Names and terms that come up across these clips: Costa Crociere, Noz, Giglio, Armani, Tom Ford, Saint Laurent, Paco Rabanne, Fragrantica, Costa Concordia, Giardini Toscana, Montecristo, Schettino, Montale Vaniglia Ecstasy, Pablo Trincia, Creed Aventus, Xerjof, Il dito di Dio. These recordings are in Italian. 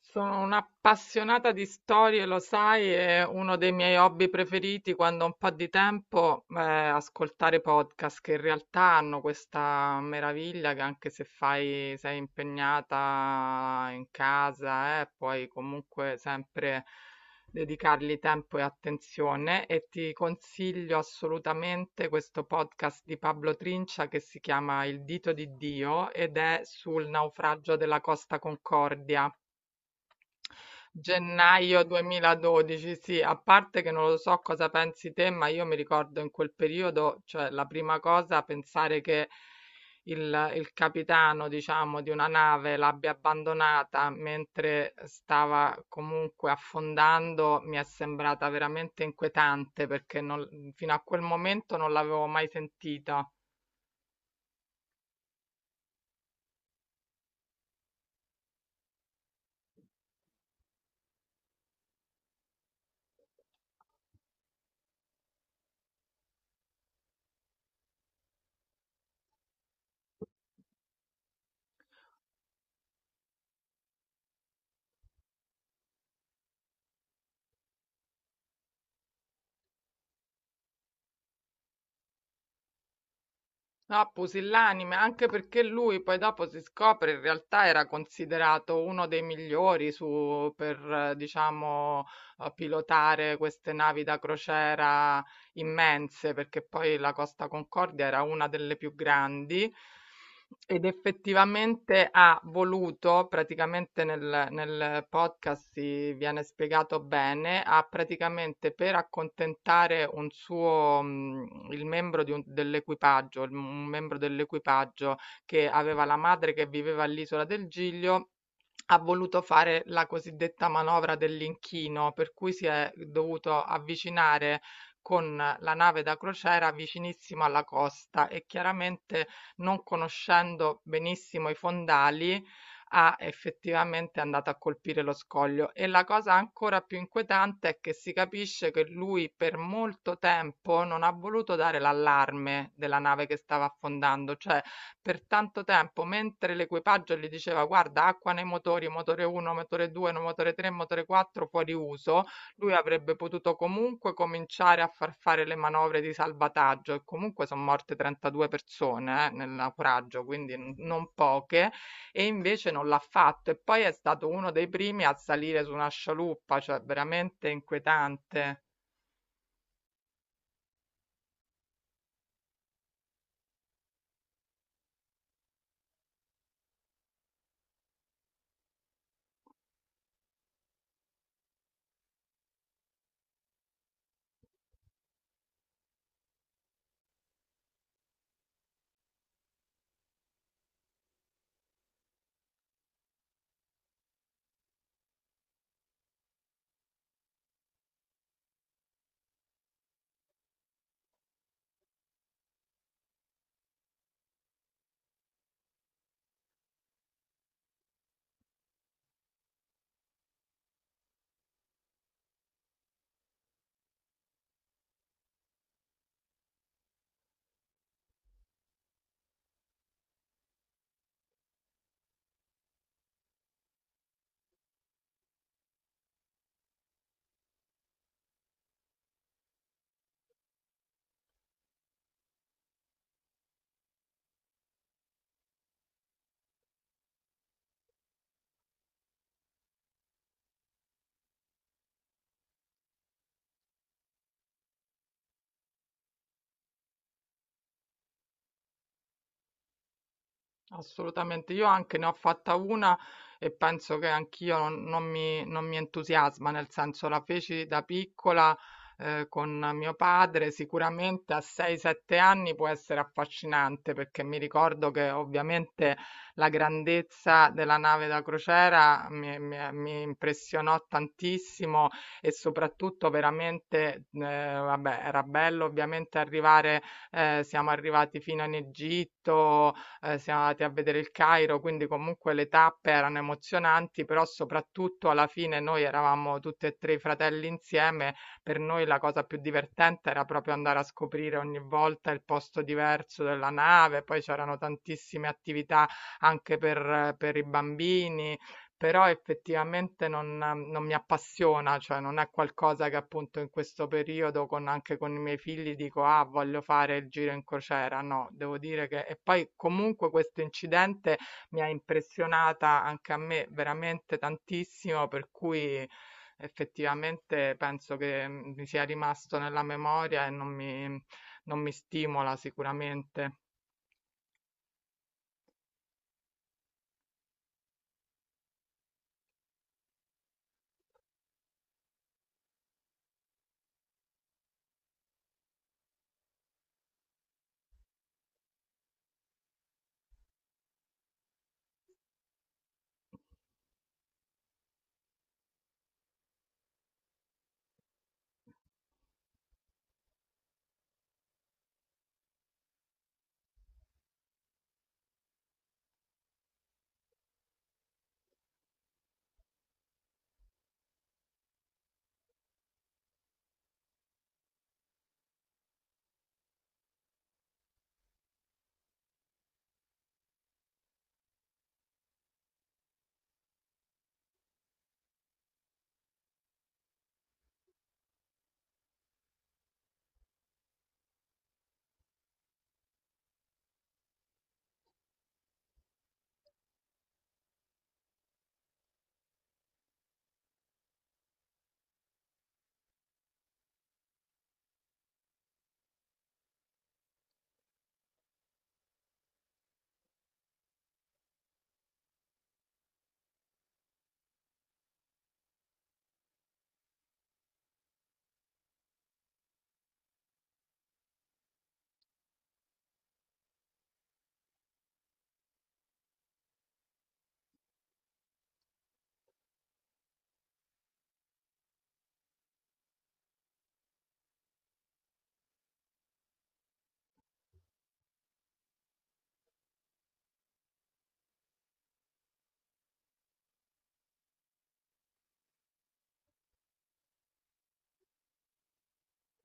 Sono un'appassionata di storie, lo sai, e uno dei miei hobby preferiti quando ho un po' di tempo è ascoltare podcast che in realtà hanno questa meraviglia che anche se sei impegnata in casa, puoi comunque sempre dedicargli tempo e attenzione e ti consiglio assolutamente questo podcast di Pablo Trincia che si chiama Il dito di Dio ed è sul naufragio della Costa Concordia. Gennaio 2012, sì, a parte che non lo so cosa pensi te, ma io mi ricordo in quel periodo, cioè la prima cosa, pensare che il capitano, diciamo, di una nave l'abbia abbandonata mentre stava comunque affondando, mi è sembrata veramente inquietante perché fino a quel momento non l'avevo mai sentita. Ah, pusillanime, anche perché lui poi dopo si scopre in realtà era considerato uno dei migliori su, per, diciamo, pilotare queste navi da crociera immense, perché poi la Costa Concordia era una delle più grandi ed effettivamente ha voluto, praticamente nel podcast si viene spiegato bene, ha praticamente per accontentare un suo, il membro dell'equipaggio, un membro dell'equipaggio che aveva la madre che viveva all'isola del Giglio, ha voluto fare la cosiddetta manovra dell'inchino, per cui si è dovuto avvicinare con la nave da crociera vicinissimo alla costa e chiaramente non conoscendo benissimo i fondali ha effettivamente è andato a colpire lo scoglio e la cosa ancora più inquietante è che si capisce che lui per molto tempo non ha voluto dare l'allarme della nave che stava affondando, cioè per tanto tempo mentre l'equipaggio gli diceva guarda acqua nei motori, motore 1, motore 2, no, motore 3, motore 4 fuori uso, lui avrebbe potuto comunque cominciare a far fare le manovre di salvataggio e comunque son morte 32 persone, nel naufragio, quindi n non poche, e invece non l'ha fatto. E poi è stato uno dei primi a salire su una scialuppa, cioè veramente inquietante. Assolutamente, io anche ne ho fatta una e penso che anch'io non mi entusiasma, nel senso la feci da piccola con mio padre, sicuramente a 6-7 anni può essere affascinante perché mi ricordo che ovviamente la grandezza della nave da crociera mi impressionò tantissimo e soprattutto veramente, vabbè, era bello ovviamente arrivare, siamo arrivati fino in Egitto siamo andati a vedere il Cairo, quindi comunque le tappe erano emozionanti, però soprattutto alla fine noi eravamo tutti e tre i fratelli insieme, per noi la cosa più divertente era proprio andare a scoprire ogni volta il posto diverso della nave, poi c'erano tantissime attività anche per i bambini. Però effettivamente non mi appassiona, cioè non è qualcosa che appunto in questo periodo con anche con i miei figli dico: "Ah, voglio fare il giro in crociera". No, devo dire che e poi comunque questo incidente mi ha impressionata anche a me veramente tantissimo, per cui effettivamente penso che mi sia rimasto nella memoria e non mi stimola sicuramente.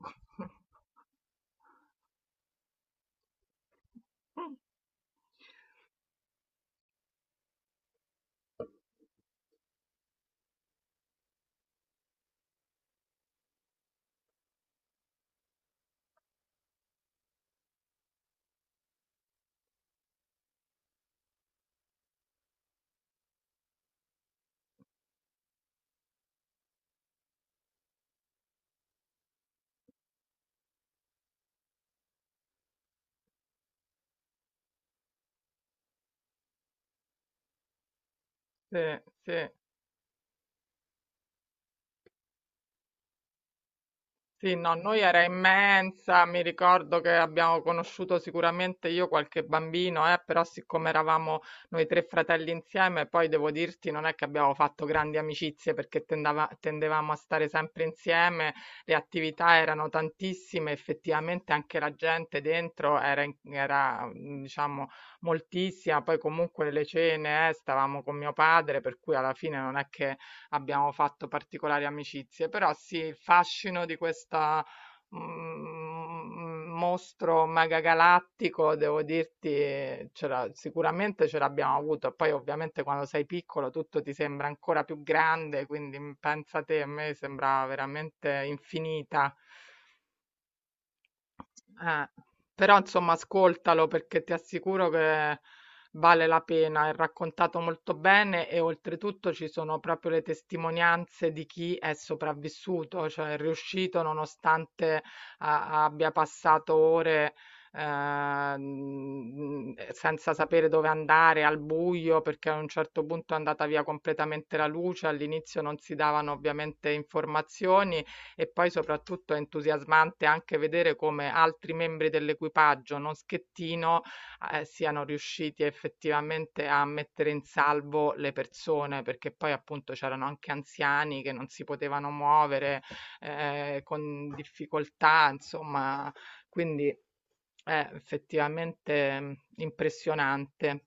Sì, sì. Sì, no, noi era immensa, mi ricordo che abbiamo conosciuto sicuramente io qualche bambino, però siccome eravamo noi tre fratelli insieme, poi devo dirti non è che abbiamo fatto grandi amicizie perché tendevamo a stare sempre insieme, le attività erano tantissime, effettivamente anche la gente dentro era, era, diciamo, moltissima, poi comunque le cene, stavamo con mio padre, per cui alla fine non è che abbiamo fatto particolari amicizie, però sì, il fascino di questa mostro megagalattico, devo dirti, sicuramente ce l'abbiamo avuto. Poi ovviamente quando sei piccolo tutto ti sembra ancora più grande, quindi pensa te, a me sembrava veramente infinita. Eh, però insomma ascoltalo perché ti assicuro che vale la pena, è raccontato molto bene e oltretutto ci sono proprio le testimonianze di chi è sopravvissuto, cioè è riuscito nonostante abbia passato ore senza sapere dove andare, al buio, perché a un certo punto è andata via completamente la luce, all'inizio non si davano ovviamente informazioni e poi soprattutto è entusiasmante anche vedere come altri membri dell'equipaggio, non Schettino, siano riusciti effettivamente a mettere in salvo le persone, perché poi appunto c'erano anche anziani che non si potevano muovere, con difficoltà, insomma. Quindi è effettivamente, impressionante.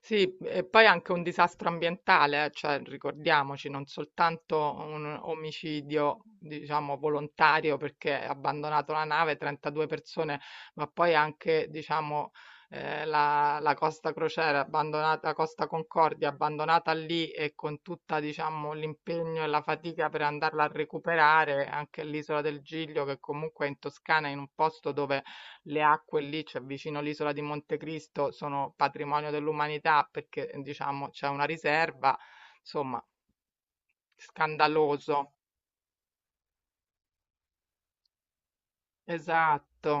Sì, e poi anche un disastro ambientale, cioè ricordiamoci, non soltanto un omicidio, diciamo, volontario perché ha abbandonato la nave 32 persone, ma poi anche, diciamo, la Costa Crociere abbandonata, la Costa Concordia abbandonata lì e con tutta, diciamo, l'impegno e la fatica per andarla a recuperare, anche l'isola del Giglio che comunque è in Toscana, in un posto dove le acque lì, cioè vicino all'isola di Montecristo, sono patrimonio dell'umanità perché diciamo c'è una riserva, insomma, scandaloso. Esatto.